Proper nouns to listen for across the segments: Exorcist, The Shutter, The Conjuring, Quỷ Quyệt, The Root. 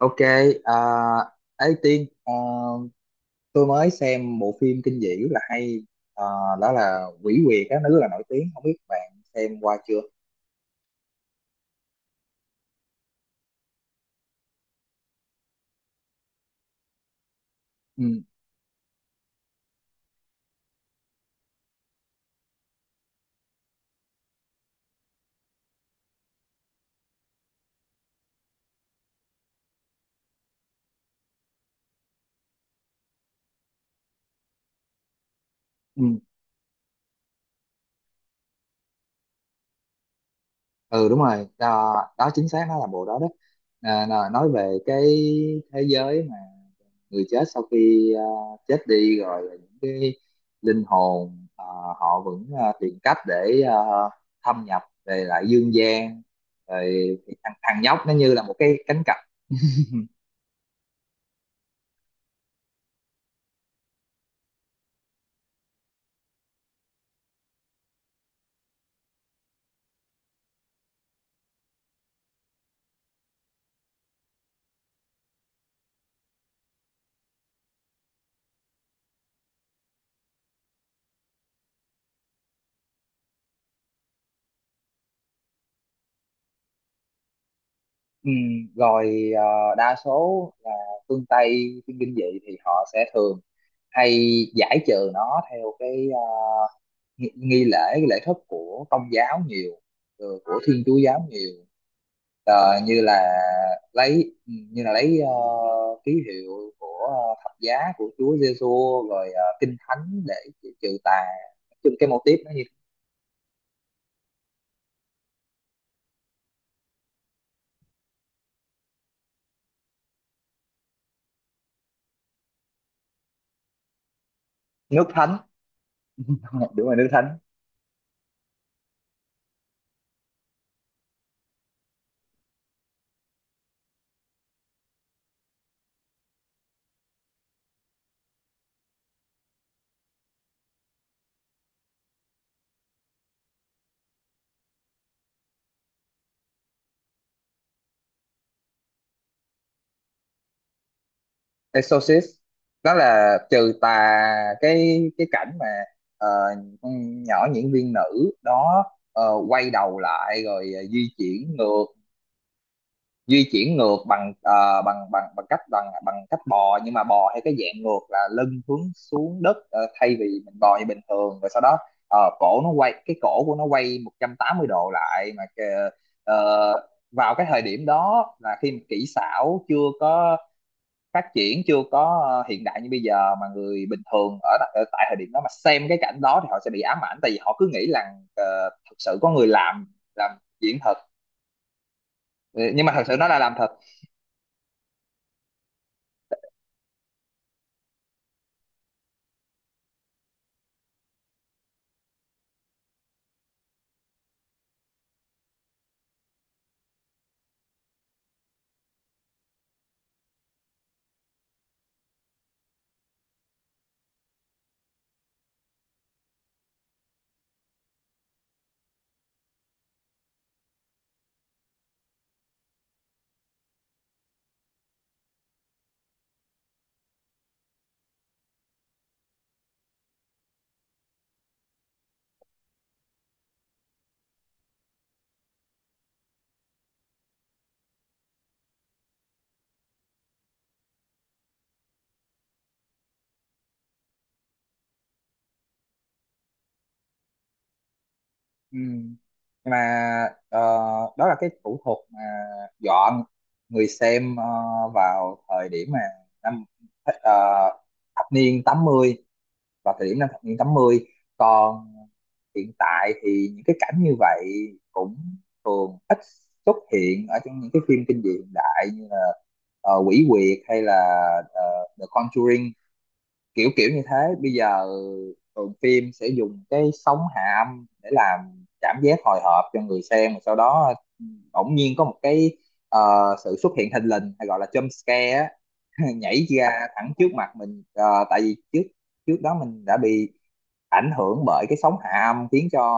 Ok, à, ấy Tiên, tôi mới xem bộ phim kinh dị rất là hay, à, đó là Quỷ Quyệt á, nó rất là nổi tiếng, không biết bạn xem qua chưa? Ừ, ừ, ừ, đúng rồi, đó, đó chính xác nó là bộ đó đó. À, nói về cái thế giới mà người chết sau khi chết đi rồi là những cái linh hồn, họ vẫn tìm cách để thâm nhập về lại dương gian, rồi thằng nhóc nó như là một cái cánh cổng. Ừ, rồi đa số là phương Tây phim kinh dị thì họ sẽ thường hay giải trừ nó theo cái nghi lễ, cái lễ thức của công giáo nhiều, ừ, của Thiên Chúa giáo nhiều. Ờ, như là lấy, ừ, như là lấy ký hiệu của thập giá của Chúa Giêsu, rồi kinh thánh để trừ tà. Nói chung cái mô típ nó như nước thánh. Đúng rồi, nước thánh. Exorcist, nó là trừ tà. Cái cảnh mà ờ, con nhỏ diễn viên nữ đó ờ, quay đầu lại rồi di chuyển ngược, di chuyển ngược bằng ờ, bằng bằng bằng cách bò, nhưng mà bò hay cái dạng ngược là lưng hướng xuống đất, thay vì mình bò như bình thường, rồi sau đó cổ nó quay, cái cổ của nó quay 180 độ lại mà ờ, vào cái thời điểm đó là khi mà kỹ xảo chưa có phát triển, chưa có hiện đại như bây giờ, mà người bình thường ở tại thời điểm đó mà xem cái cảnh đó thì họ sẽ bị ám ảnh, tại vì họ cứ nghĩ là thực sự có người làm diễn thật. Ừ, nhưng mà thật sự nó là làm thật. Ừ, nhưng mà ờ, đó là cái thủ thuật mà dọn người xem vào thời điểm mà năm ờ, thập niên tám mươi, vào thời điểm năm thập niên 80. Còn hiện tại thì những cái cảnh như vậy cũng thường ít xuất hiện ở trong những cái phim kinh dị hiện đại, như là Quỷ Quyệt hay là ờ, The Conjuring, kiểu kiểu như thế. Bây giờ thường phim sẽ dùng cái sóng hạ âm để làm cảm giác hồi hộp cho người xem, và sau đó bỗng nhiên có một cái ờ, sự xuất hiện thình lình, hay gọi là jump scare á, nhảy ra thẳng trước mặt mình. Ờ, tại vì trước trước đó mình đã bị ảnh hưởng bởi cái sóng hạ âm khiến cho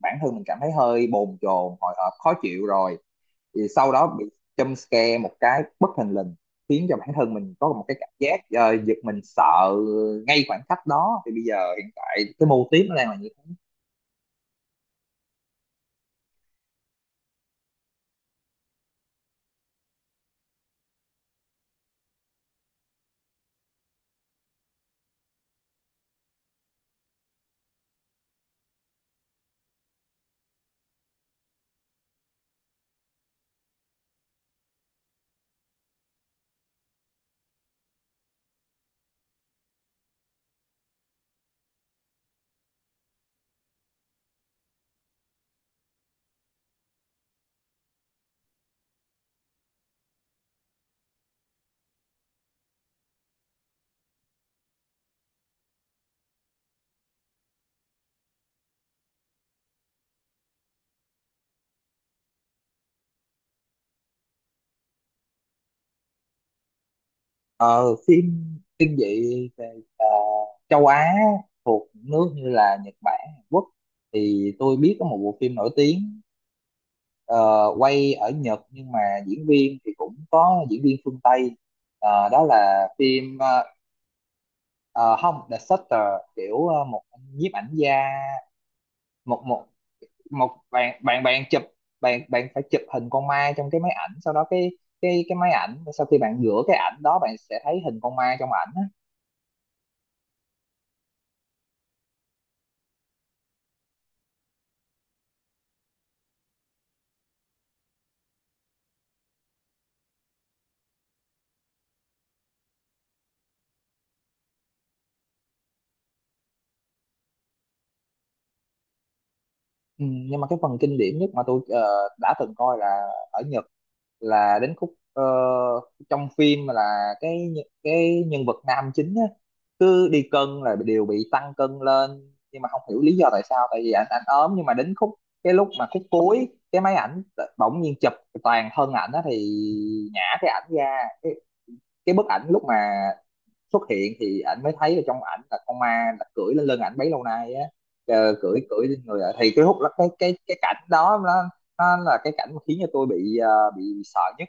bản thân mình cảm thấy hơi bồn chồn, hồi hộp, khó chịu rồi, thì sau đó bị jump scare một cái bất thình lình, khiến cho bản thân mình có một cái cảm giác giật mình sợ ngay khoảnh khắc đó. Thì bây giờ hiện tại cái mô típ nó đang là như thế. Ờ, phim kinh dị ờ, ờ, châu Á, thuộc nước như là Nhật Bản, Hàn Quốc, thì tôi biết có một bộ phim nổi tiếng ờ, quay ở Nhật nhưng mà diễn viên thì cũng có diễn viên phương Tây. Ờ, đó là phim ờ, không, The Shutter, kiểu một nhiếp ảnh gia, một một một bạn bạn bạn chụp, bạn bạn phải chụp hình con ma trong cái máy ảnh, sau đó cái cái máy ảnh, sau khi bạn rửa cái ảnh đó, bạn sẽ thấy hình con ma trong ảnh á. Ừ, nhưng mà cái phần kinh điển nhất mà tôi đã từng coi là ở Nhật, là đến khúc trong phim là cái cái nhân vật nam chính á, cứ đi cân là đều bị tăng cân lên nhưng mà không hiểu lý do tại sao, tại vì ảnh, ảnh ốm, nhưng mà đến khúc cái lúc mà khúc cuối cái máy ảnh bỗng nhiên chụp toàn thân ảnh á, thì nhả cái ảnh ra cái bức ảnh lúc mà xuất hiện thì ảnh mới thấy ở trong ảnh là con ma là cưỡi lên lưng ảnh bấy lâu nay á. Ờ, cưỡi cưỡi lên người ạ. Thì cái hút cái cái cảnh đó nó là cái cảnh mà khiến cho tôi bị sợ nhất.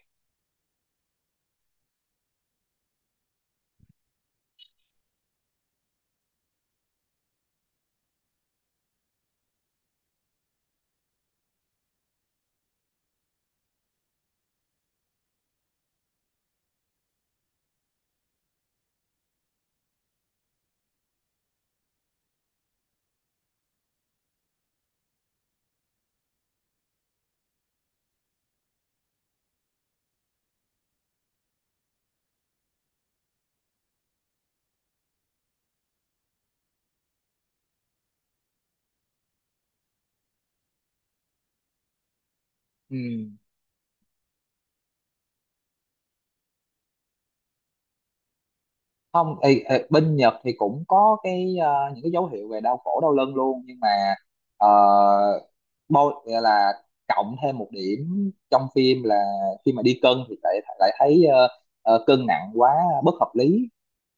Ừ. Không, ý, ý, bên Nhật thì cũng có cái những cái dấu hiệu về đau cổ đau lưng luôn, nhưng mà uh, bo gọi là cộng thêm một điểm trong phim là khi mà đi cân thì lại lại thấy cân nặng quá bất hợp lý.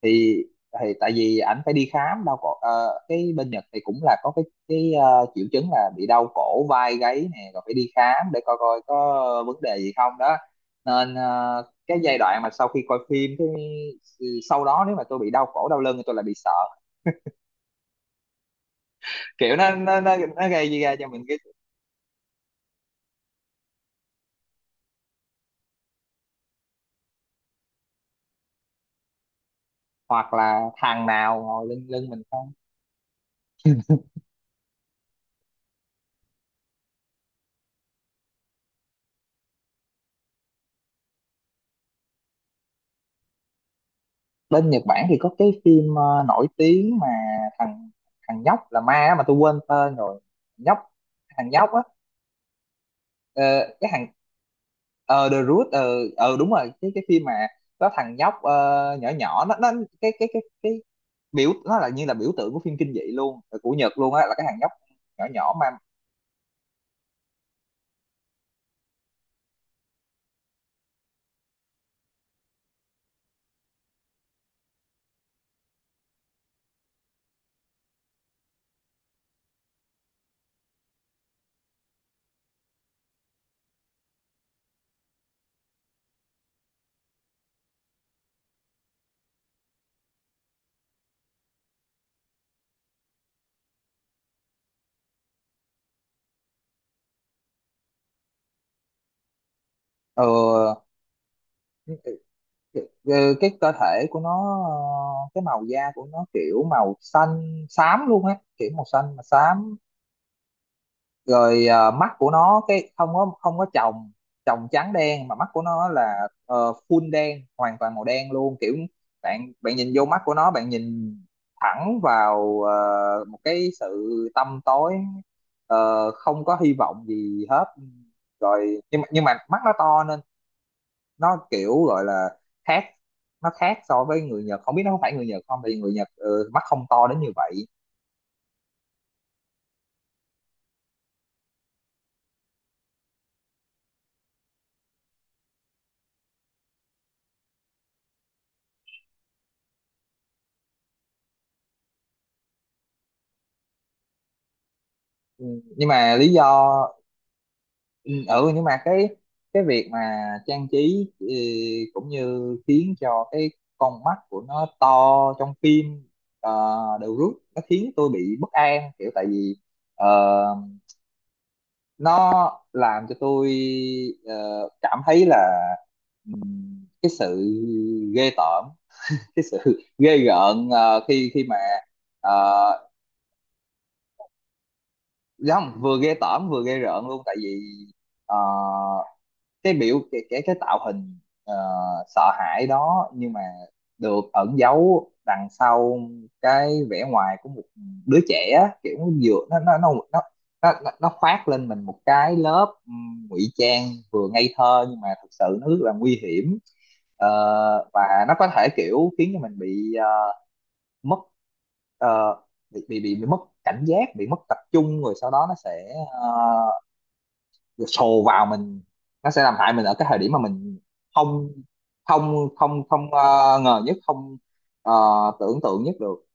Thì thì tại vì ảnh phải đi khám đau cổ, cái bên Nhật thì cũng là có cái triệu chứng là bị đau cổ vai gáy nè, rồi phải đi khám để coi, coi có vấn đề gì không đó. Nên cái giai đoạn mà sau khi coi phim cái, sau đó nếu mà tôi bị đau cổ đau lưng thì tôi lại bị sợ, kiểu nó gây ra cho mình cái, hoặc là thằng nào ngồi lên lưng mình không. Bên Nhật Bản thì có cái phim nổi tiếng mà thằng thằng nhóc là ma á, mà tôi quên tên rồi. Nhóc, thằng nhóc á, ờ, cái thằng, ờ, The Root, đúng rồi, cái phim mà có thằng nhóc nhỏ, nhỏ nó, cái biểu nó là như là biểu tượng của phim kinh dị luôn, của Nhật luôn á, là cái thằng nhóc nhỏ nhỏ ma. ờ ờ, cái cơ thể của nó, cái màu da của nó kiểu màu xanh xám luôn á, kiểu màu xanh mà xám. Rồi mắt của nó cái không có, không có tròng, tròng trắng đen, mà mắt của nó là full đen, hoàn toàn màu đen luôn, kiểu bạn bạn nhìn vô mắt của nó, bạn nhìn thẳng vào một cái sự tăm tối, không có hy vọng gì hết. Rồi nhưng mà mắt nó to, nó kiểu gọi là khác, nó khác so với người Nhật, không biết nó có phải người Nhật không, tại vì người Nhật, ừ, mắt không to đến như vậy. Ừ, nhưng mà lý do, ừ, nhưng mà cái việc mà trang trí, ừ, cũng như khiến cho cái con mắt của nó to trong phim, ờ, đều rút, nó khiến tôi bị bất an, kiểu tại vì ờ, nó làm cho tôi ờ, cảm thấy là cái sự ghê tởm, cái sự ghê rợn khi khi mà ờ, không, vừa ghê tởm vừa ghê rợn luôn, tại vì ờ, cái biểu cái tạo hình ờ, sợ hãi đó, nhưng mà được ẩn giấu đằng sau cái vẻ ngoài của một đứa trẻ á, kiểu nó khoác lên mình một cái lớp ngụy trang, vừa ngây thơ nhưng mà thực sự nó rất là nguy hiểm. Ờ, và nó có thể kiểu khiến cho mình bị mất ờ, bị mất cảnh giác, bị mất tập trung, rồi sau đó nó sẽ sồ vào mình, nó sẽ làm hại mình ở cái thời điểm mà mình không không không không ờ, ngờ nhất, không ờ, tưởng tượng nhất được.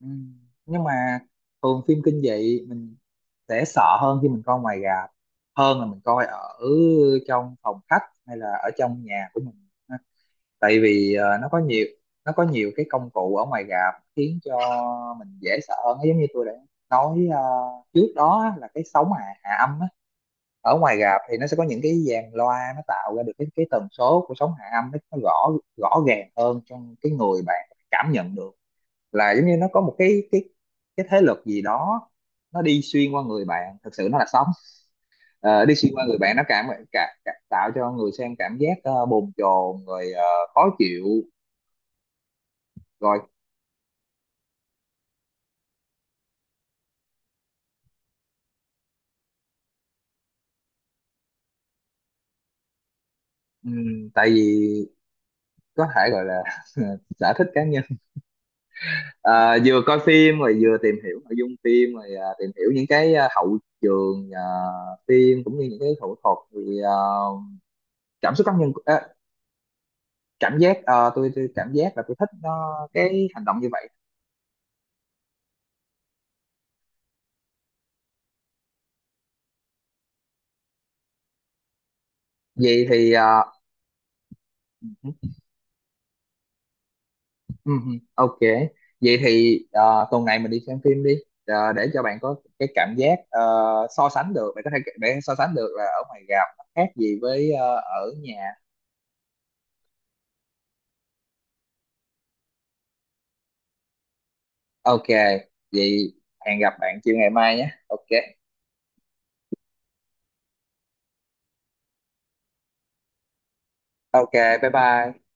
Ừ. Nhưng mà thường phim kinh dị mình sẽ sợ hơn khi mình coi ngoài rạp hơn là mình coi ở trong phòng khách hay là ở trong nhà của mình, tại vì nó có nhiều, nó có nhiều cái công cụ ở ngoài rạp khiến cho mình dễ sợ hơn. Nó giống như tôi đã nói trước đó á, là cái sóng hạ âm á. Ở ngoài rạp thì nó sẽ có những cái dàn loa, nó tạo ra được cái tần số của sóng hạ âm, nó rõ rõ ràng hơn, trong cái người bạn cảm nhận được là giống như nó có một cái cái thế lực gì đó, nó đi xuyên qua người bạn, thực sự nó là sóng. Ờ, đi xuyên qua người bạn, nó cảm, tạo cho người xem cảm giác bồn chồn rồi khó chịu rồi. Tại vì có thể gọi là sở thích cá nhân, à, vừa coi phim rồi vừa tìm hiểu nội dung phim, rồi à, tìm hiểu những cái à, hậu trường, à, phim, cũng như những cái thủ thuật, thì à, cảm xúc cá nhân, à, cảm giác, à, tôi cảm giác là tôi thích nó cái hành động như vậy. Vậy thì à, ừm, ok, vậy thì à, tuần này mình đi xem phim đi, à, để cho bạn có cái cảm giác so sánh được, bạn có thể để so sánh được là ở ngoài rạp nó khác gì với ở nhà. Ok, vậy, hẹn gặp bạn chiều ngày mai nhé. Ok, ok, bye bye.